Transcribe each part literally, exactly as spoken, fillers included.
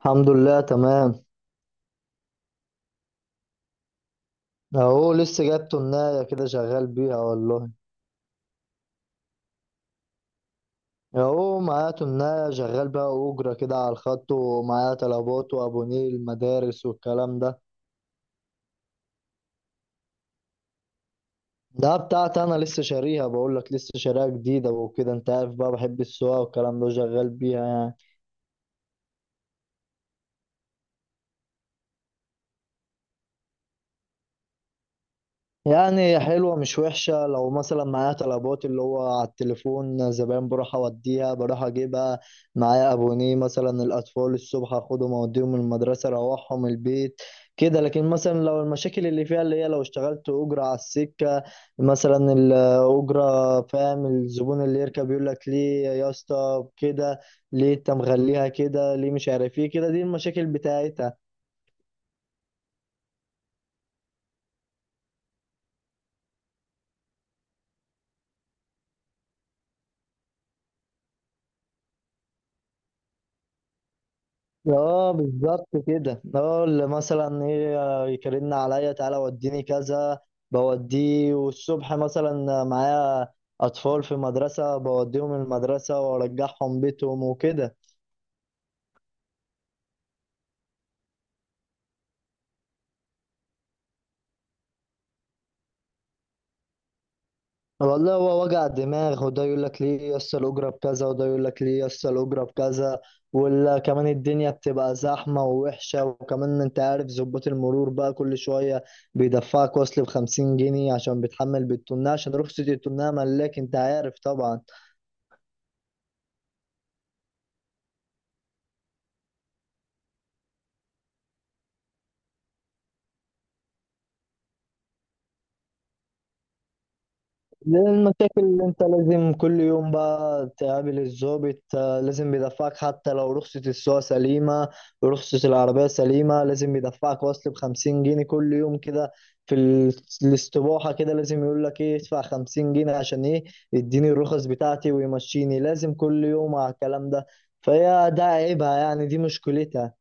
الحمد لله تمام. اهو لسه جايب تناية كده شغال بيها والله. اهو معايا تناية شغال بيها أجرة كده على الخط، ومعايا طلبات وأبونيه مدارس والكلام ده. ده بتاعتي أنا لسه شاريها، بقولك لسه شاريها جديدة وكده. أنت عارف بقى بحب السواقة والكلام ده، شغال بيها يعني. يعني حلوة مش وحشة. لو مثلا معايا طلبات اللي هو على التليفون زباين، بروح أوديها بروح أجيبها. معايا أبونيه مثلا الأطفال الصبح أخدهم أوديهم المدرسة أروحهم البيت كده. لكن مثلا لو المشاكل اللي فيها اللي هي لو اشتغلت أجرة على السكة، مثلا الأجرة فاهم، الزبون اللي يركب يقول لك ليه يا اسطى كده، ليه انت مغليها كده ليه، مش عارف ايه كده. دي المشاكل بتاعتها. اه بالظبط كده، اه اللي مثلا ايه، يكلمنا عليا تعالى وديني كذا بوديه. والصبح مثلا معايا اطفال في مدرسة بوديهم المدرسة وارجعهم بيتهم وكده. والله هو وجع دماغ، وده يقول لك ليه يسطا الأجرة بكذا، وده يقول لك ليه يسطا الأجرة بكذا. وكمان الدنيا بتبقى زحمة ووحشة، وكمان أنت عارف ظباط المرور بقى كل شوية بيدفعك وصل بخمسين جنيه عشان بتحمل بالتونة، عشان رخصة التونة ملاك أنت عارف طبعا. المشاكل اللي انت لازم كل يوم بقى تقابل الضابط، آه، لازم بيدفعك حتى لو رخصة السواقة سليمة، رخصة العربية سليمة، لازم بيدفعك وصل بخمسين جنيه كل يوم كده. في ال- الاستباحة كده، لازم يقول لك ايه ادفع خمسين جنيه عشان ايه، يديني الرخص بتاعتي ويمشيني، لازم كل يوم على الكلام ده. فهي ده عيبها يعني، دي مشكلتها.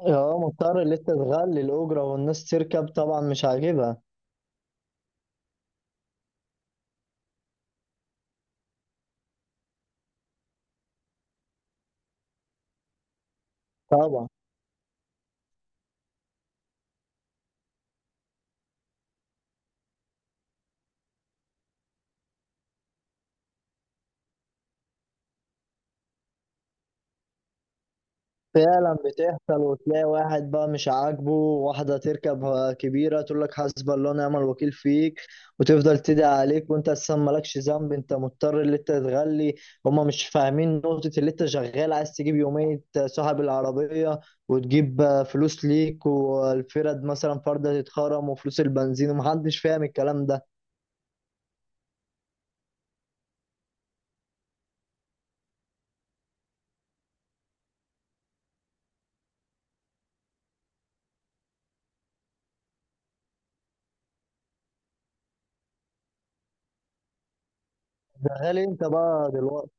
اه مضطر اللي انت تغلي الأجرة، والناس تركب طبعا مش عاجبها. طبعا. فعلا بتحصل، وتلاقي واحد بقى مش عاجبه، واحدة تركب كبيرة تقول لك حسب الله ونعم الوكيل فيك، وتفضل تدعي عليك، وانت اساسا مالكش ذنب، انت مضطر اللي انت تغلي. هما مش فاهمين نقطة اللي انت شغال عايز تجيب يومية صاحب العربية، وتجيب فلوس ليك، والفرد مثلا فردة تتخرم، وفلوس البنزين، ومحدش فاهم الكلام ده. شغال ايه انت بقى دلوقتي؟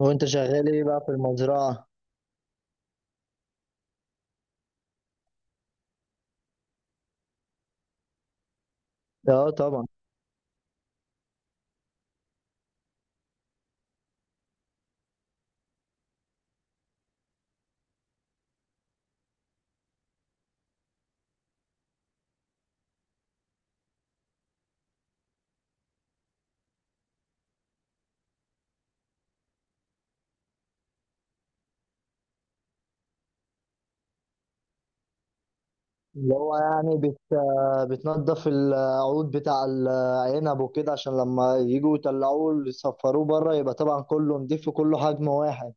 وانت شغال ايه بقى في المزرعة؟ اه طبعا. اللي هو يعني بت... بتنضف العود بتاع العنب وكده، عشان لما يجوا يطلعوه يصفروه بره يبقى طبعا كله نضيف وكله حجم واحد.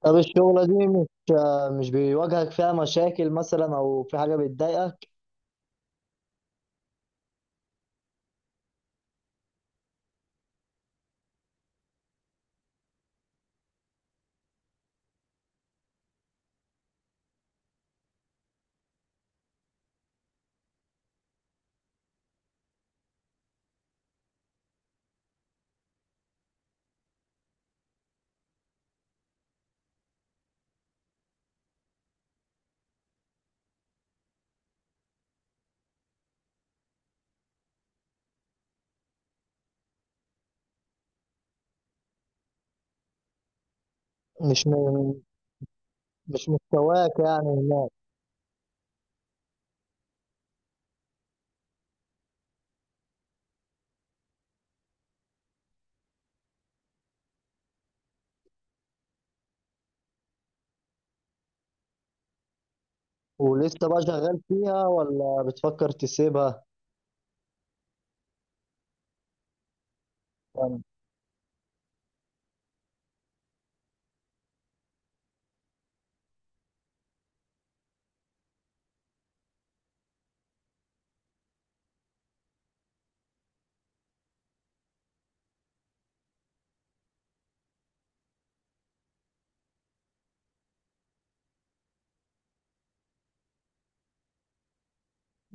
طب الشغلة دي مش مش بيواجهك فيها مشاكل مثلا أو في حاجة بتضايقك؟ مش م... مش مستواك يعني هناك؟ ولسه بقى شغال فيها ولا بتفكر تسيبها؟ يعني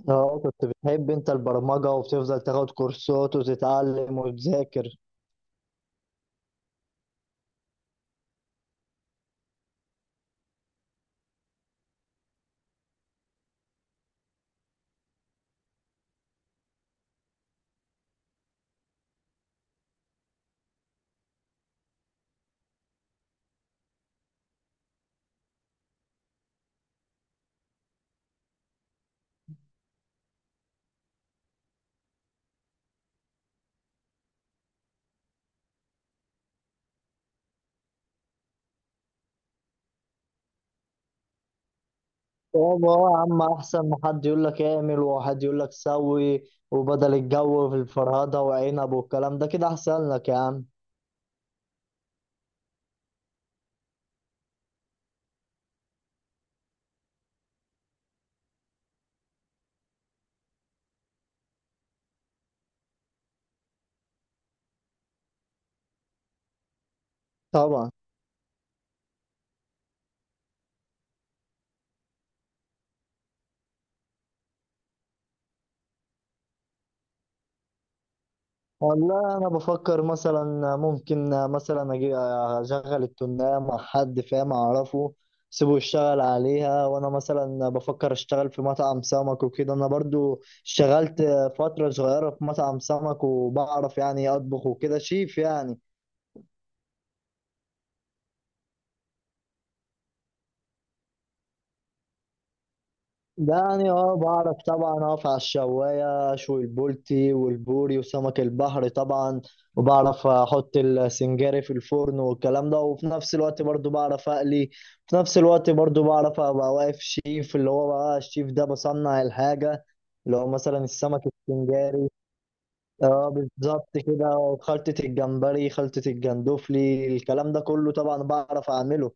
اه كنت بتحب انت البرمجة وبتفضل تاخد كورسات وتتعلم وتذاكر. هو هو يا عم احسن ما حد يقول لك اعمل وحد يقول لك سوي، وبدل الجو في الفرهده وعنب والكلام ده كده احسن لك يا عم. طبعا. والله انا بفكر مثلا ممكن مثلا اجي اشغل التنية مع حد فاهم اعرفه سيبه يشتغل عليها، وانا مثلا بفكر اشتغل في مطعم سمك وكده. انا برضو اشتغلت فترة صغيرة في مطعم سمك، وبعرف يعني اطبخ وكده، شيف يعني. ده يعني اه بعرف طبعا اقف على الشواية اشوي البولتي والبوري وسمك البحر طبعا، وبعرف احط السنجاري في الفرن والكلام ده. وفي نفس الوقت برضو بعرف اقلي، في نفس الوقت برضو بعرف ابقى واقف شيف، اللي هو بقى الشيف ده بصنع الحاجة. اللي هو مثلا السمك السنجاري، اه بالظبط كده، خلطة الجمبري، خلطة الجندوفلي، الكلام ده كله طبعا بعرف اعمله.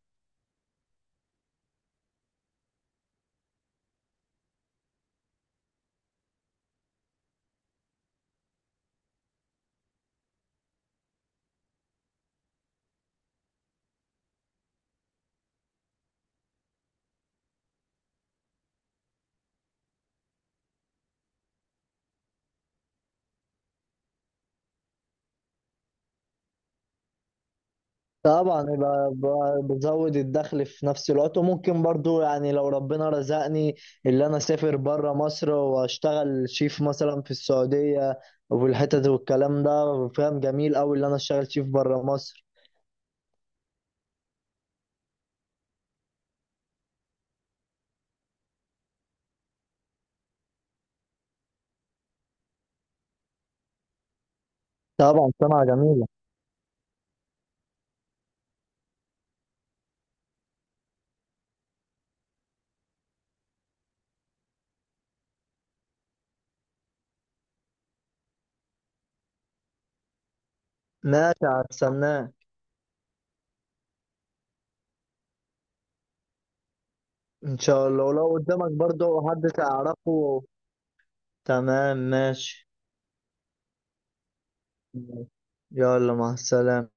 طبعا، يبقى ب- بزود الدخل في نفس الوقت. وممكن برضو يعني لو ربنا رزقني اللي انا اسافر بره مصر واشتغل شيف مثلا في السعودية، وفي الحتت والكلام ده، فاهم؟ جميل اوي اللي انا اشتغل شيف بره مصر. طبعا، سمعة جميلة. ماشي، هستناه. ان شاء الله، ولو قدامك برضو حد تعرفه. تمام، ماشي. يلا مع السلامة.